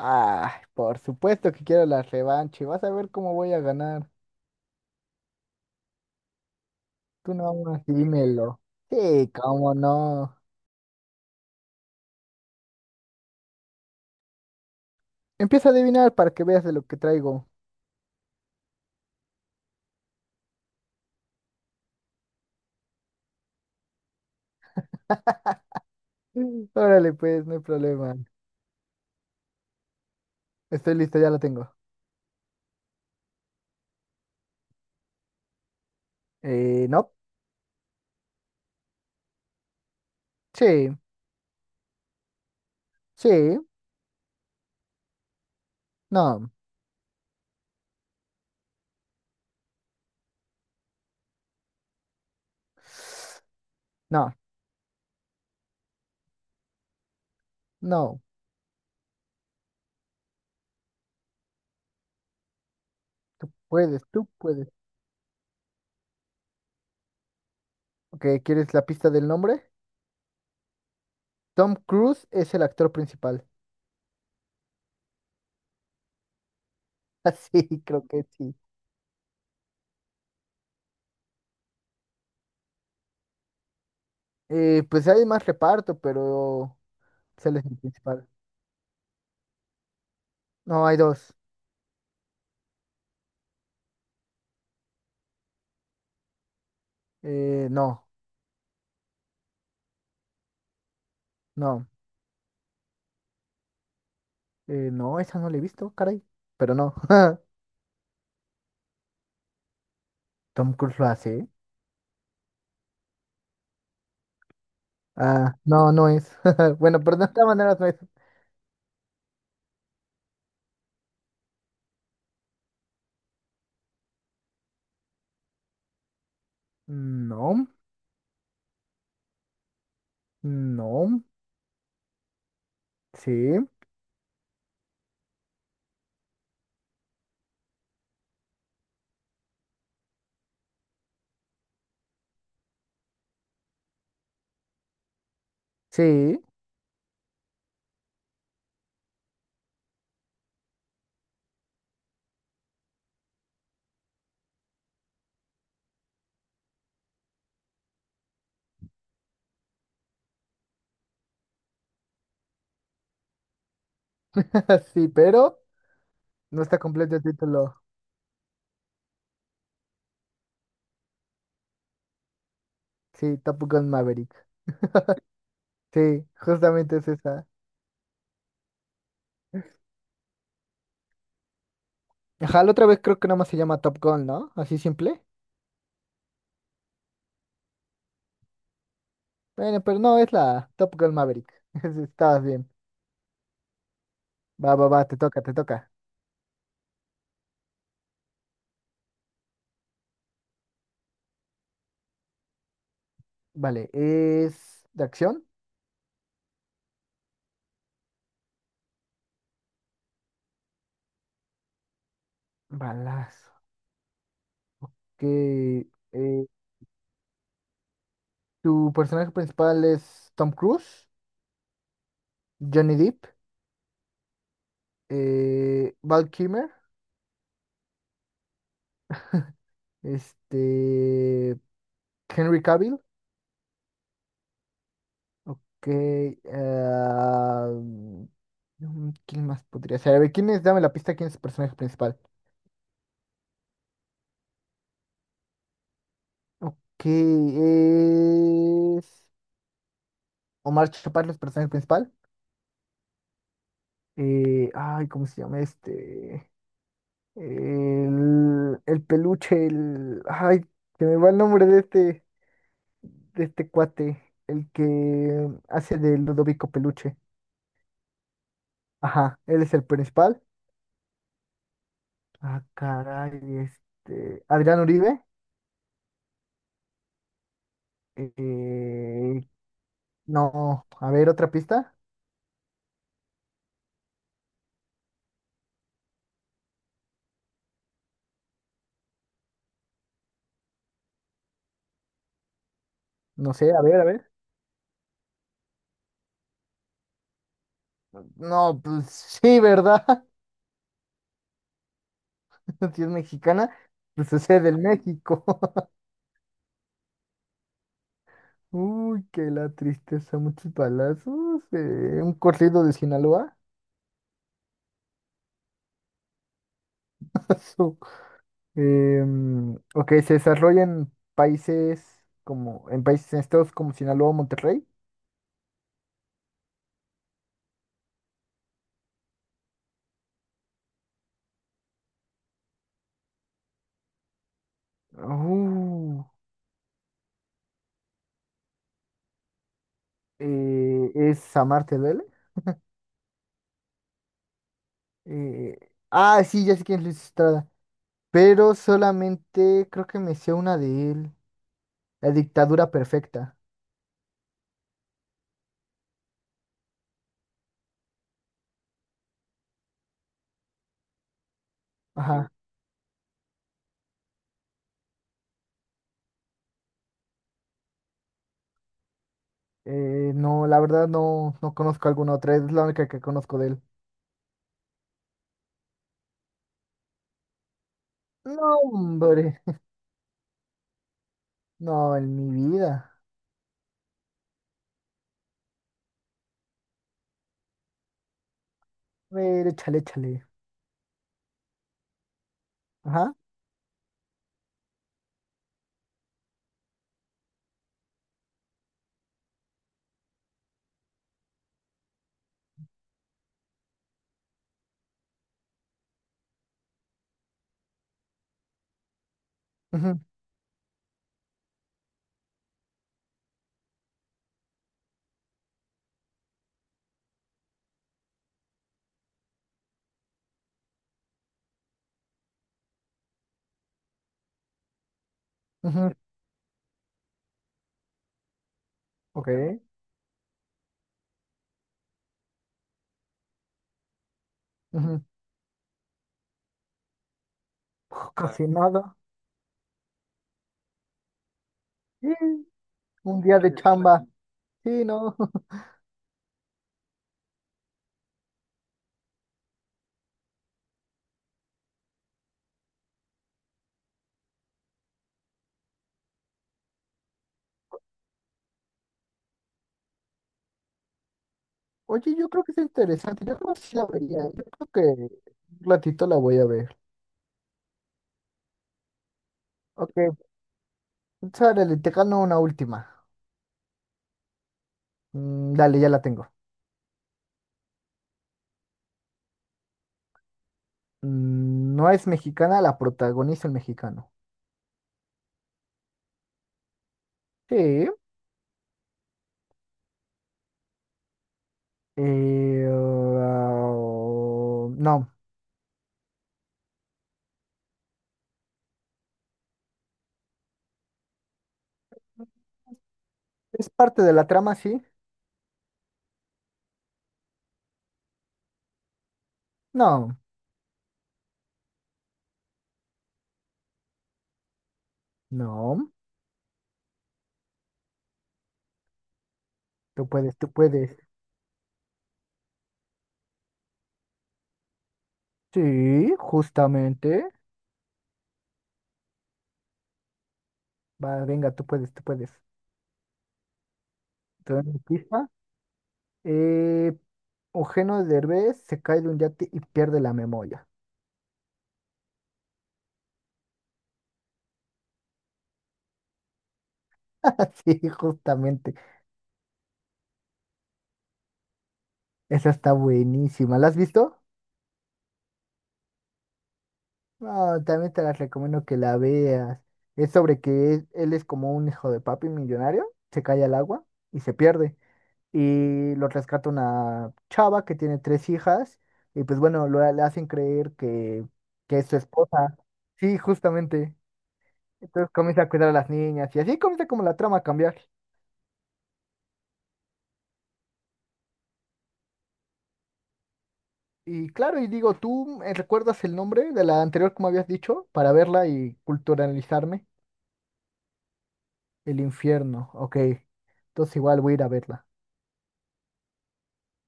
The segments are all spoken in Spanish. Ah, por supuesto que quiero la revancha, y vas a ver cómo voy a ganar. Tú nomás dímelo. Sí, cómo no. Empieza a adivinar para que veas de lo que traigo. Mm. Órale, pues, no hay problema. Estoy listo, ya lo tengo. No. Sí, sí, no. No, no. Tú puedes, tú puedes. Ok, ¿quieres la pista del nombre? Tom Cruise es el actor principal. Así, creo que sí. Pues hay más reparto, pero él es el principal. No, hay dos. No, no. No, esa no la he visto, caray. Pero no. Tom Cruise lo hace, ¿eh? Ah, no, no es. Bueno, pero de esta manera no es. No, no. Sí, sí, sí, pero no está completo el título. Sí, Top Gun Maverick. Sí, justamente es esa. Ajá, la otra vez creo que nada más se llama Top Gun, ¿no? Así simple. Bueno, pero no, es la Top Gun Maverick. Estabas bien. Va, va, va, te toca, te toca. Vale, ¿es de acción? Balazo. Que eh, tu personaje principal es Tom Cruise, Johnny Depp, Val Kilmer, este, Henry Cavill. Ok. ah, ¿Quién más podría ser? A ver, ¿quién es? Dame la pista, ¿quién es el personaje principal? Ok, es Omar Chaparro, es el personaje principal. Ay, ¿cómo se llama este? El peluche. Ay, se me va el nombre de este cuate, el que hace de Ludovico Peluche. Ajá, él es el principal. Ah, caray, Adrián Uribe. Eh, no, a ver, otra pista. No sé, a ver, a ver. No, pues sí, ¿verdad? Si es mexicana, pues sucede en México. Uy, qué la tristeza, muchos balazos. Un corrido de Sinaloa. Ok, se desarrolla en países en estados como Sinaloa, Monterrey. Uh, es Amar, ¿te duele? Eh, sí, ya sé quién es Luis Estrada. Pero solamente creo que me sé una de él. La dictadura perfecta. Ajá. No, la verdad no, no conozco alguna otra. Es la única que conozco de él. No, hombre. No, en mi vida. A ver, échale, échale. Ajá. Ujú, ujú. Ok. Ujú. Casi nada. Sí, un día de chamba. Sí, no. Oye, yo creo que es interesante. Yo creo que sí la vería. Yo creo que un ratito la voy a ver. Ok, sárale, te gano una última. Dale, ya la tengo. No es mexicana, la protagoniza el mexicano. Sí. No. ¿Es parte de la trama, sí? No, no. Tú puedes, tú puedes. Sí, justamente. Va, venga, tú puedes, tú puedes. ¿Te doy una pista? Eh, Eugenio Derbez se cae de un yate y pierde la memoria. Sí, justamente. Esa está buenísima. ¿La has visto? No, también te las recomiendo que la veas. Es sobre que él es como un hijo de papi millonario, se cae al agua y se pierde. Y lo rescata una chava que tiene tres hijas y pues bueno, le hacen creer que es su esposa. Sí, justamente. Entonces comienza a cuidar a las niñas y así comienza como la trama a cambiar. Y claro, y digo, ¿tú recuerdas el nombre de la anterior, como habías dicho, para verla y culturalizarme? El Infierno, ok. Entonces igual voy a ir a verla.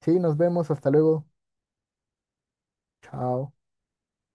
Sí, nos vemos, hasta luego. Chao.